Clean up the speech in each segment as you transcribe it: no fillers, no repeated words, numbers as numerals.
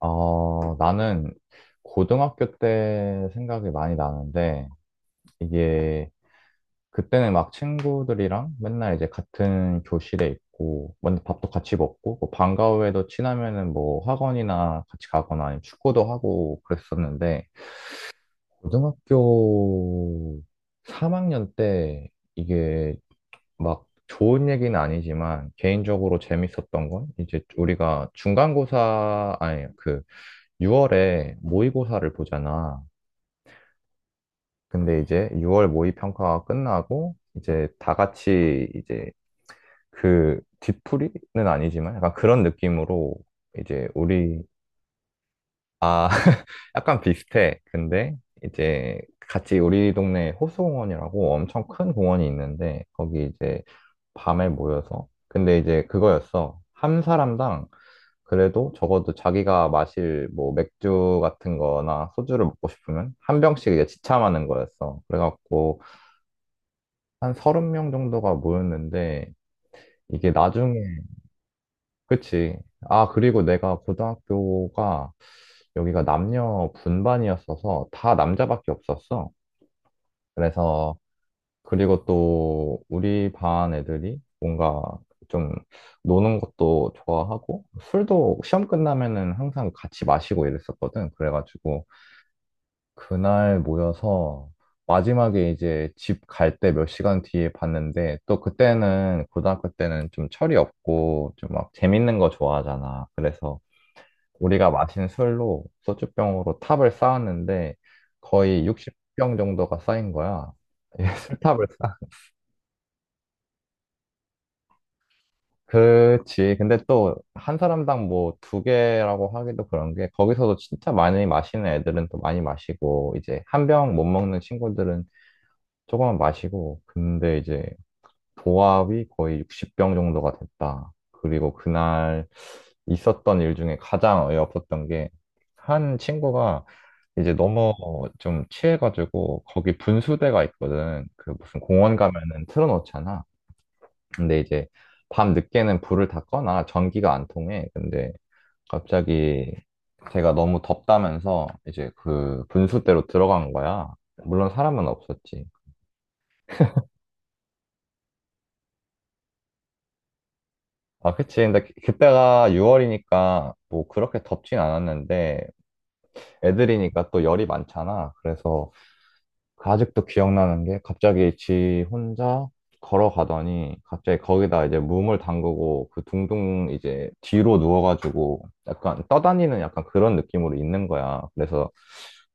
어, 나는 고등학교 때 생각이 많이 나는데, 이게, 그때는 막 친구들이랑 맨날 이제 같은 교실에 있고, 먼저 밥도 같이 먹고, 뭐 방과 후에도 친하면은 뭐 학원이나 같이 가거나 아니면 축구도 하고 그랬었는데, 고등학교 3학년 때 이게 막 좋은 얘기는 아니지만, 개인적으로 재밌었던 건, 이제 우리가 중간고사, 아니, 그, 6월에 모의고사를 보잖아. 근데 이제 6월 모의평가가 끝나고 이제 다 같이 이제 그 뒤풀이는 아니지만 약간 그런 느낌으로 이제 우리 아 약간 비슷해. 근데 이제 같이 우리 동네 호수공원이라고 엄청 큰 공원이 있는데 거기 이제 밤에 모여서 근데 이제 그거였어. 한 사람당 그래도 적어도 자기가 마실 뭐 맥주 같은 거나 소주를 먹고 싶으면 한 병씩 이제 지참하는 거였어. 그래갖고 한 서른 명 정도가 모였는데 이게 나중에, 그치. 아, 그리고 내가 고등학교가 여기가 남녀 분반이었어서 다 남자밖에 없었어. 그래서 그리고 또 우리 반 애들이 뭔가 좀 노는 것도 좋아하고 술도 시험 끝나면은 항상 같이 마시고 이랬었거든. 그래가지고 그날 모여서 마지막에 이제 집 갈 때 몇 시간 뒤에 봤는데 또 그때는 고등학교 때는 좀 철이 없고 좀 막 재밌는 거 좋아하잖아. 그래서 우리가 마신 술로 소주병으로 탑을 쌓았는데 거의 60병 정도가 쌓인 거야. 술탑을 쌓. 그치. 근데 또 한 사람당 뭐 두 개라고 하기도 그런 게 거기서도 진짜 많이 마시는 애들은 또 많이 마시고 이제 한 병 못 먹는 친구들은 조금만 마시고, 근데 이제 도합이 거의 60병 정도가 됐다. 그리고 그날 있었던 일 중에 가장 어이없었던 게, 한 친구가 이제 너무 좀 취해가지고, 거기 분수대가 있거든. 그 무슨 공원 어, 가면은 틀어놓잖아. 근데 이제 밤 늦게는 불을 다 꺼나 전기가 안 통해. 근데 갑자기 제가 너무 덥다면서 이제 그 분수대로 들어간 거야. 물론 사람은 없었지. 아, 그치. 근데 그때가 6월이니까 뭐 그렇게 덥진 않았는데 애들이니까 또 열이 많잖아. 그래서 그 아직도 기억나는 게 갑자기 지 혼자 걸어가더니 갑자기 거기다 이제 몸을 담그고 그 둥둥 이제 뒤로 누워가지고 약간 떠다니는 약간 그런 느낌으로 있는 거야. 그래서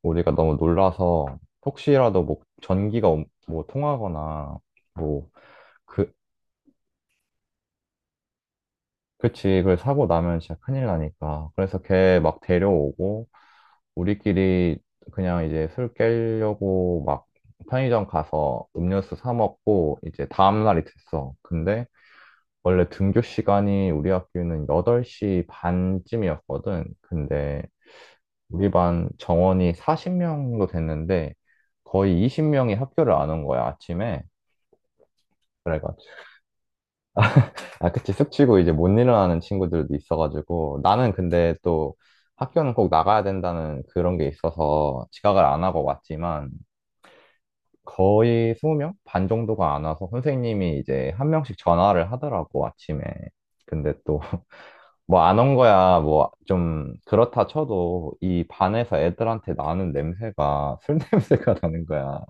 우리가 너무 놀라서 혹시라도 뭐 전기가 옴- 뭐 통하거나 뭐그 그치, 이걸 사고 나면 진짜 큰일 나니까. 그래서 걔 막 데려오고, 우리끼리 그냥 이제 술 깨려고 막 편의점 가서 음료수 사 먹고, 이제 다음날이 됐어. 근데 원래 등교 시간이 우리 학교는 8시 반쯤이었거든. 근데 우리 반 정원이 40명도 됐는데, 거의 20명이 학교를 안 온 거야, 아침에. 아, 그치. 숙취고 이제 못 일어나는 친구들도 있어가지고. 나는 근데 또 학교는 꼭 나가야 된다는 그런 게 있어서 지각을 안 하고 왔지만 거의 20명? 반 정도가 안 와서 선생님이 이제 한 명씩 전화를 하더라고, 아침에. 근데 또 뭐 안 온 거야, 뭐 좀 그렇다 쳐도 이 반에서 애들한테 나는 냄새가 술 냄새가 나는 거야.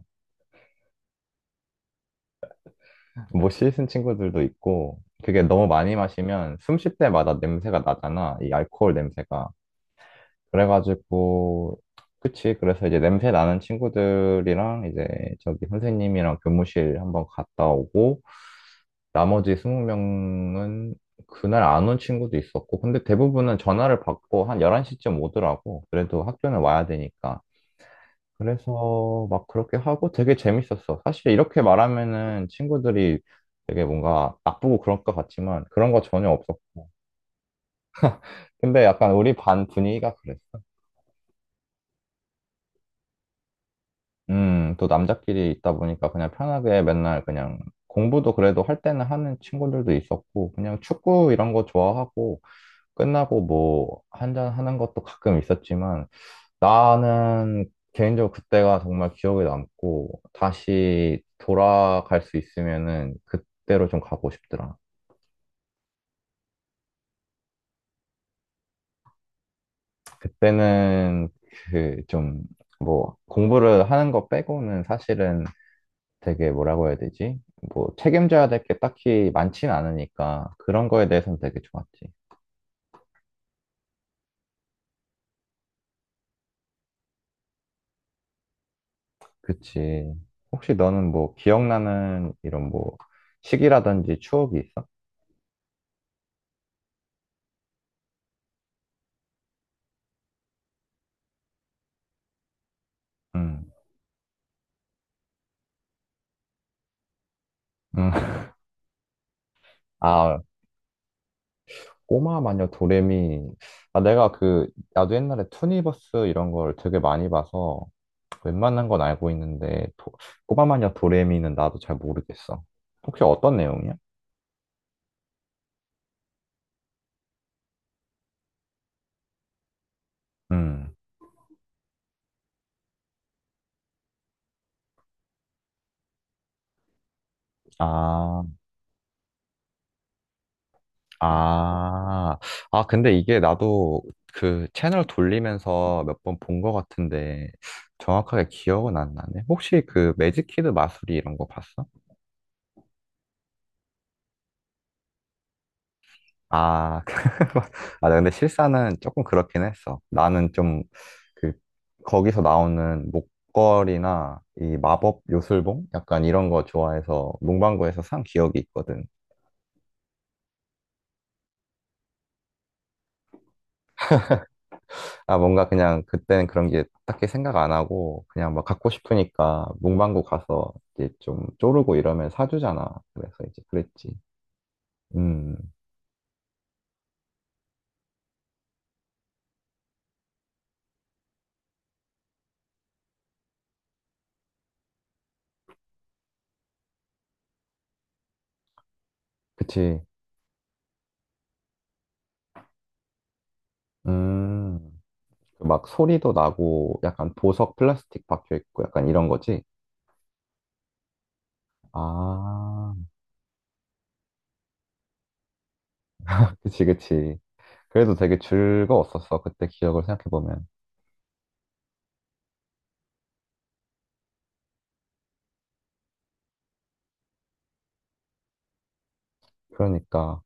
못 씻은 친구들도 있고 그게 너무 많이 마시면 숨 쉴 때마다 냄새가 나잖아. 이 알코올 냄새가. 그래가지고, 그치. 그래서 이제 냄새 나는 친구들이랑 이제 저기 선생님이랑 교무실 한번 갔다 오고, 나머지 20명은 그날 안 온 친구도 있었고, 근데 대부분은 전화를 받고 한 11시쯤 오더라고. 그래도 학교는 와야 되니까. 그래서 막 그렇게 하고 되게 재밌었어. 사실 이렇게 말하면은 친구들이 되게 뭔가 나쁘고 그럴 것 같지만 그런 거 전혀 없었고. 근데 약간 우리 반 분위기가 그랬어. 또 남자끼리 있다 보니까 그냥 편하게 맨날 그냥 공부도 그래도 할 때는 하는 친구들도 있었고, 그냥 축구 이런 거 좋아하고, 끝나고 뭐 한잔 하는 것도 가끔 있었지만, 나는 개인적으로 그때가 정말 기억에 남고, 다시 돌아갈 수 있으면은 그때로 좀 가고 싶더라. 그때는 그 좀 뭐 공부를 하는 거 빼고는 사실은 되게 뭐라고 해야 되지? 뭐 책임져야 될 게 딱히 많진 않으니까 그런 거에 대해서는 되게 좋았지. 그치. 혹시 너는 뭐 기억나는 이런 뭐 시기라든지 추억이 있어? 응. 응. 아, 꼬마 마녀 도레미. 아, 내가 그, 나도 옛날에 투니버스 이런 걸 되게 많이 봐서 웬만한 건 알고 있는데, 도- 꼬마 마녀 도레미는 나도 잘 모르겠어. 혹시 어떤 내용이야? 응. 아. 아, 아, 근데 이게 나도 그 채널 돌리면서 몇 번 본 것 같은데 정확하게 기억은 안 나네. 혹시 그 매직키드 마술이 이런 거 봤어? 아, 아, 근데 실사는 조금 그렇긴 했어. 나는 좀 그 거기서 나오는 목걸이나 이 마법 요술봉? 약간 이런 거 좋아해서 문방구에서 산 기억이 있거든. 아, 뭔가 그냥 그때는 그런 게 딱히 생각 안 하고 그냥 막 갖고 싶으니까 문방구 가서 이제 좀 쪼르고 이러면 사주잖아. 그래서 이제 그랬지. 음, 그치. 음, 그막 소리도 나고 약간 보석 플라스틱 박혀 있고 약간 이런 거지. 아, 그치, 그치. 그래도 되게 즐거웠었어. 그때 기억을 생각해보면. 그러니까.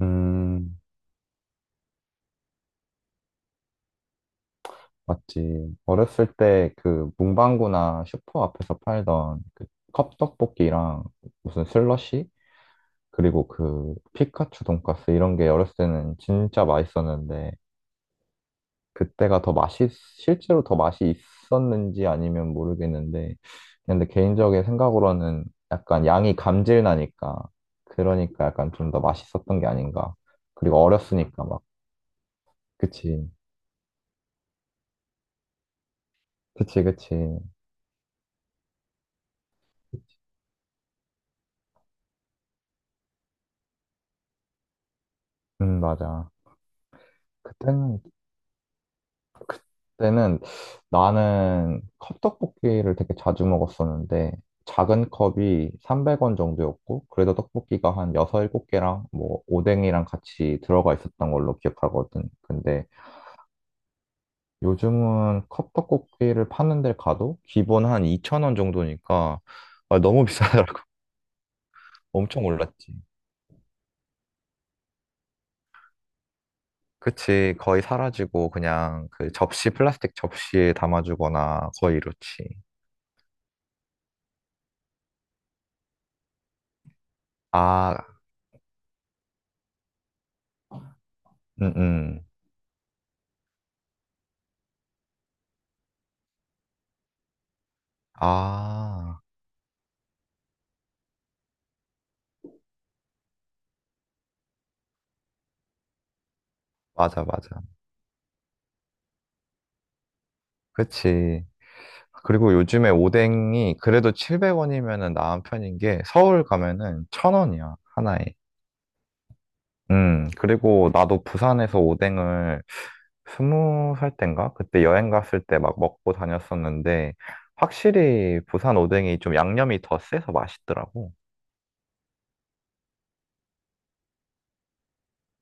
음. 맞지. 어렸을 때 그 문방구나 슈퍼 앞에서 팔던 그 컵떡볶이랑 무슨 슬러시? 그리고 그 피카츄 돈까스 이런 게 어렸을 때는 진짜 맛있었는데 그때가 더 맛이, 실제로 더 맛이 있었는지 아니면 모르겠는데 근데 개인적인 생각으로는 약간 양이 감질나니까 그러니까 약간 좀 더 맛있었던 게 아닌가. 그리고 어렸으니까 막. 그치. 그치, 그치. 맞아. 그때는 때는 나는 컵떡볶이를 되게 자주 먹었었는데 작은 컵이 300원 정도였고 그래도 떡볶이가 한 6, 7개랑 뭐 오뎅이랑 같이 들어가 있었던 걸로 기억하거든. 근데 요즘은 컵떡볶이를 파는 데 가도 기본 한 2,000원 정도니까 아, 너무 비싸더라고. 엄청 올랐지. 그치. 거의 사라지고 그냥 그 접시 플라스틱 접시에 담아주거나 거의 이렇지. 아, 음, 음. 아. 맞아, 맞아. 그치. 그리고 요즘에 오뎅이 그래도 700원이면은 나은 편인 게 서울 가면은 천 원이야 하나에. 그리고 나도 부산에서 오뎅을 스무 살 땐가? 그때 여행 갔을 때 막 먹고 다녔었는데 확실히 부산 오뎅이 좀 양념이 더 세서 맛있더라고.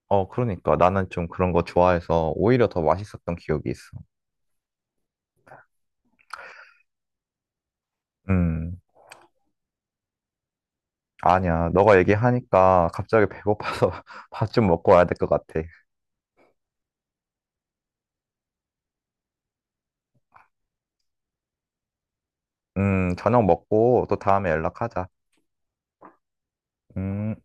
어, 그러니까 나는 좀 그런 거 좋아해서 오히려 더 맛있었던 기억이 있어. 음, 아니야. 너가 얘기하니까 갑자기 배고파서 밥 좀 먹고 와야 될 것 같아. 저녁 먹고 또 다음에 연락하자. 음.